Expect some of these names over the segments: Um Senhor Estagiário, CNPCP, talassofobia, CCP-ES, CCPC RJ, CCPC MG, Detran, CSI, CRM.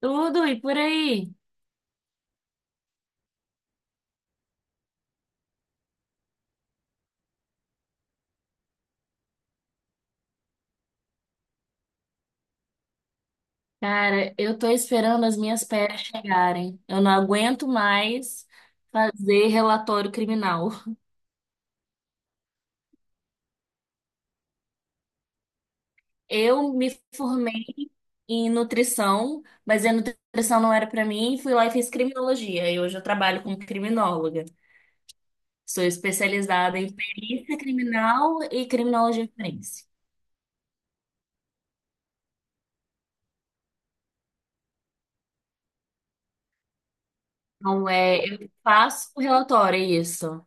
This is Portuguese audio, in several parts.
Tudo e por aí. Cara, eu tô esperando as minhas férias chegarem. Eu não aguento mais fazer relatório criminal. Eu me formei em nutrição, mas a nutrição não era pra mim, fui lá e fiz criminologia. E hoje eu trabalho como criminóloga. Sou especializada em perícia criminal e criminologia forense. Então, eu faço relatório, é isso.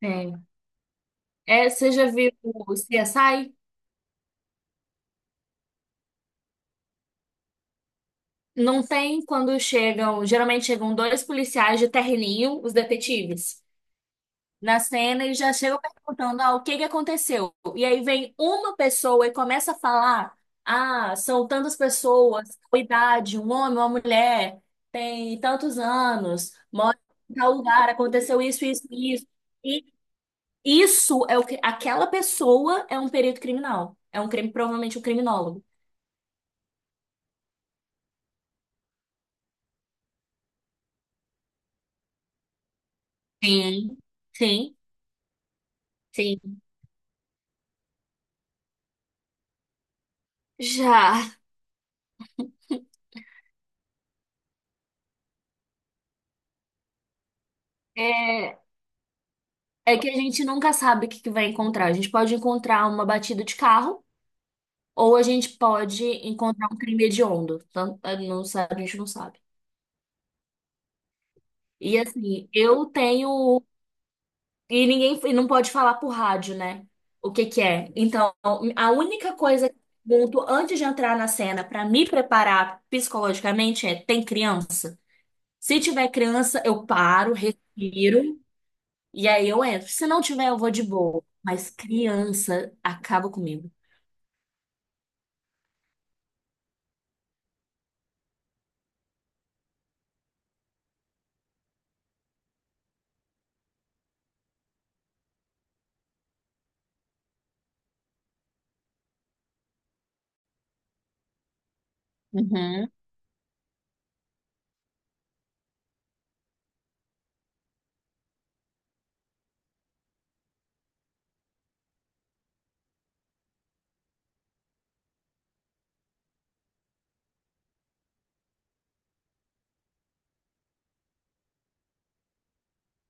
É. É, você já viu o CSI? Não tem quando chegam, geralmente chegam dois policiais de terninho, os detetives, na cena e já chegam perguntando, ah, o que que aconteceu? E aí vem uma pessoa e começa a falar, ah, são tantas pessoas, tal idade, um homem, uma mulher, tem tantos anos, mora em tal lugar, aconteceu isso, isso, isso. E isso é o que, aquela pessoa é um perito criminal, é um crime, provavelmente um criminólogo. Sim, sim, sim. Já. É, É que a gente nunca sabe o que que vai encontrar. A gente pode encontrar uma batida de carro ou a gente pode encontrar um crime hediondo. Não sabe, a gente não sabe. E assim, eu tenho. E ninguém e não pode falar por rádio, né? O que que é. Então, a única coisa que eu pergunto antes de entrar na cena para me preparar psicologicamente é: tem criança? Se tiver criança, eu paro, respiro e aí eu entro. Se não tiver, eu vou de boa. Mas criança acaba comigo. Uhum.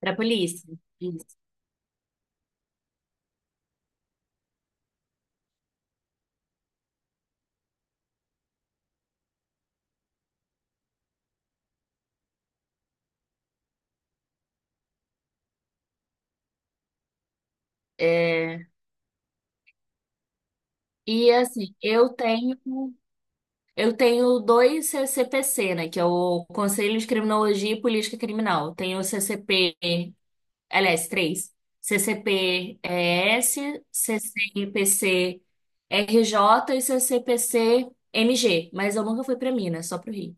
Pra polícia. Isso. É, e assim, eu tenho dois CCPC, né? Que é o Conselho de Criminologia e Política Criminal. Tenho o CCP, aliás, três. CCP-ES, CCPC RJ e CCPC MG. Mas eu nunca fui pra Minas, só pro Rio.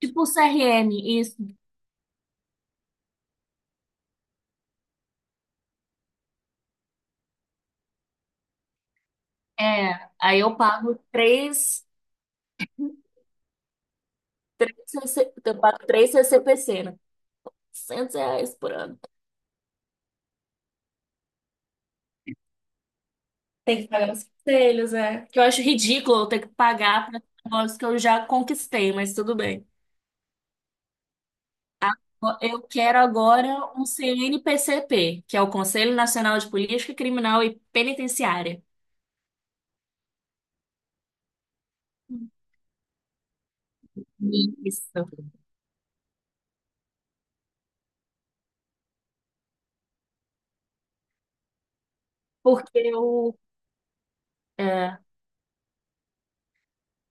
Tipo o CRM, isso. É, aí eu pago três CCPC, né? 100 reais por ano. Tem que pagar os conselhos, é. Que eu acho ridículo eu ter que pagar para negócios que eu já conquistei, mas tudo bem. Eu quero agora um CNPCP, que é o Conselho Nacional de Política Criminal e Penitenciária. Isso. Porque é,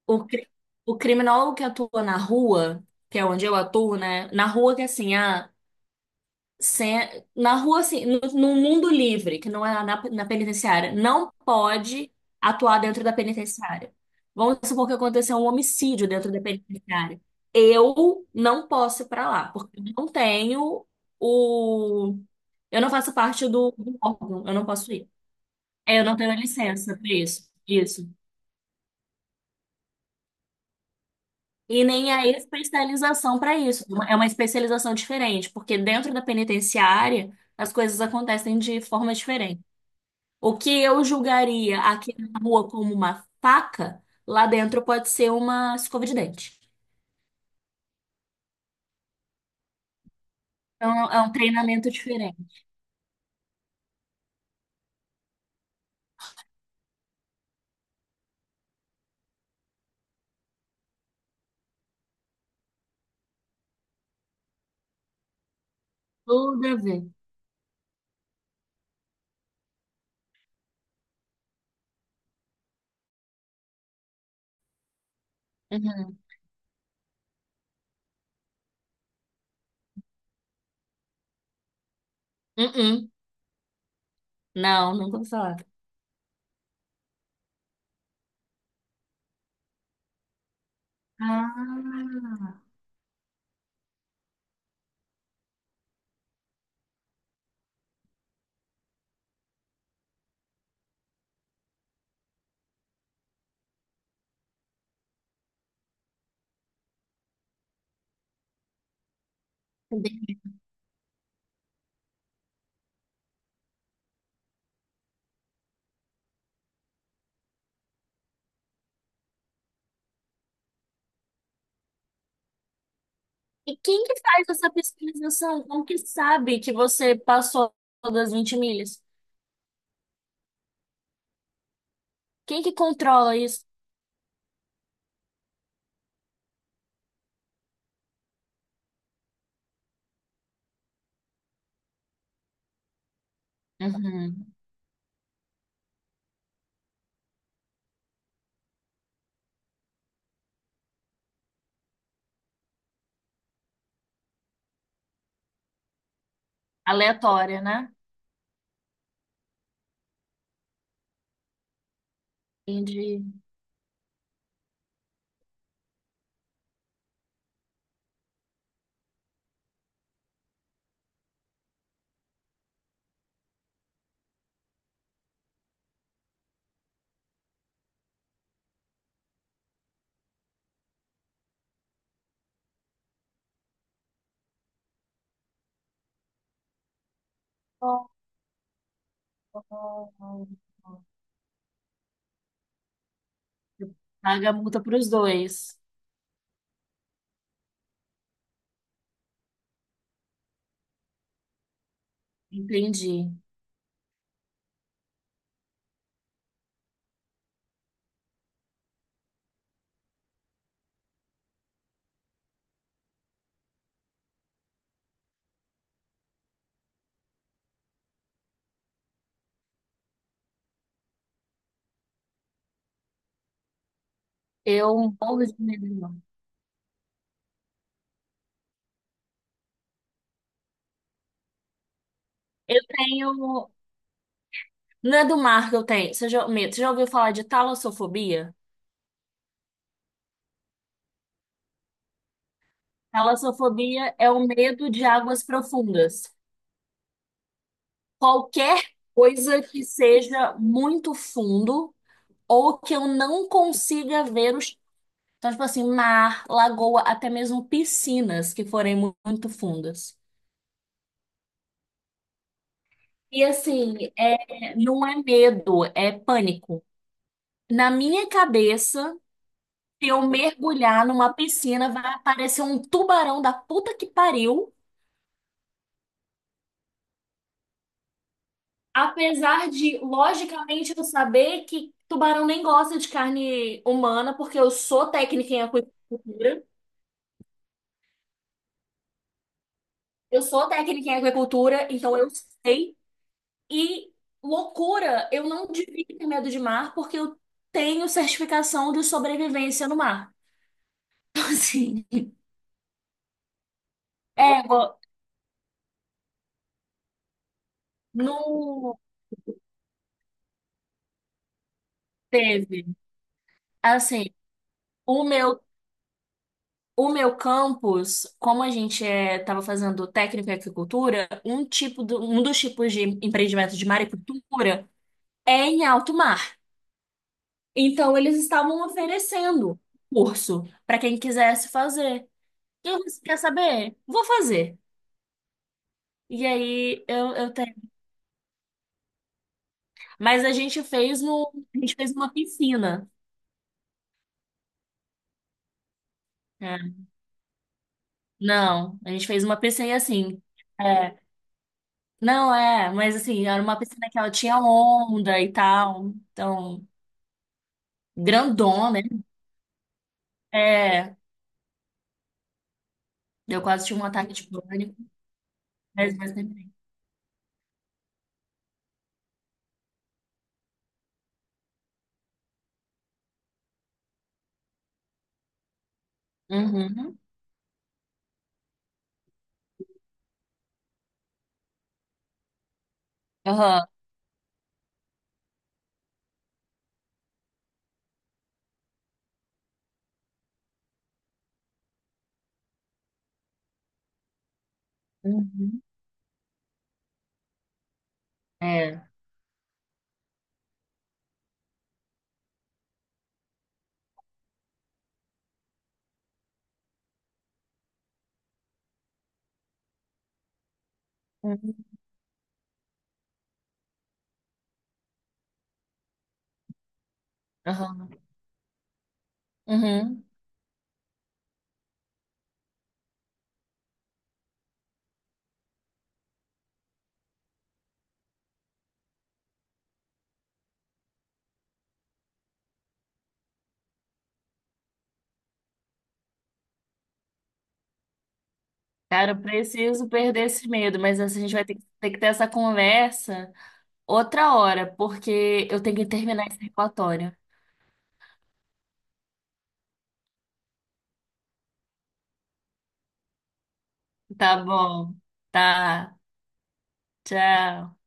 o, cri- o criminólogo que atua na rua, que é onde eu atuo, né? Na rua que é assim, na rua, assim, no mundo livre, que não é na penitenciária, não pode atuar dentro da penitenciária. Vamos supor que aconteceu um homicídio dentro da penitenciária. Eu não posso ir para lá, porque eu não tenho o. Eu não faço parte do órgão, eu não posso ir. É, eu não tenho licença para isso. Isso. E nem a especialização para isso. É uma especialização diferente, porque dentro da penitenciária as coisas acontecem de forma diferente. O que eu julgaria aqui na rua como uma faca, lá dentro pode ser uma escova de dente. Então é um treinamento diferente. Tudo a ver. Uhum. Uh-uh. Não, nunca ouvi falar. Ah, entendi. E quem que faz essa pesquisização? Como que sabe que você passou das 20 milhas? Quem que controla isso? Uhum. Aleatória, né? Entendi. Oh, oh, oh, oh. Paga a multa para os dois. Entendi. Eu morro de medo de mar. Eu tenho. Não é do mar que eu tenho. Você já, medo. Você já ouviu falar de talassofobia? Talassofobia é o medo de águas profundas. Qualquer coisa que seja muito fundo ou que eu não consiga ver os. Então, tipo assim, mar, lagoa, até mesmo piscinas que forem muito fundas. E assim, é, não é medo, é pânico. Na minha cabeça. Se eu mergulhar numa piscina, vai aparecer um tubarão da puta que pariu. Apesar de, logicamente, eu saber que tubarão nem gosta de carne humana, porque eu sou técnica em aquicultura. Eu sou técnica em aquicultura, então eu sei. E loucura, eu não devia ter medo de mar, porque eu tenho certificação de sobrevivência no mar. Então, assim, é, no, teve. Assim, o meu O meu campus, como a gente estava fazendo técnico em agricultura, um tipo do, um dos tipos de empreendimento de maricultura é em alto mar. Então eles estavam oferecendo curso para quem quisesse fazer. E eu disse, quer saber? Vou fazer. E aí eu tenho. Mas a gente fez uma piscina. É. Não, a gente fez uma piscina assim. É, não é, mas assim, era uma piscina que ela tinha onda e tal. Então Grandona, né? É, eu quase tive um ataque de pânico, mas mais tempo. Uhum. Aham. Uhum. É. Uhum. Aham. Uhum. Cara, eu preciso perder esse medo, mas assim, a gente vai ter que ter essa conversa outra hora, porque eu tenho que terminar esse relatório. Tá bom. Tá. Tchau.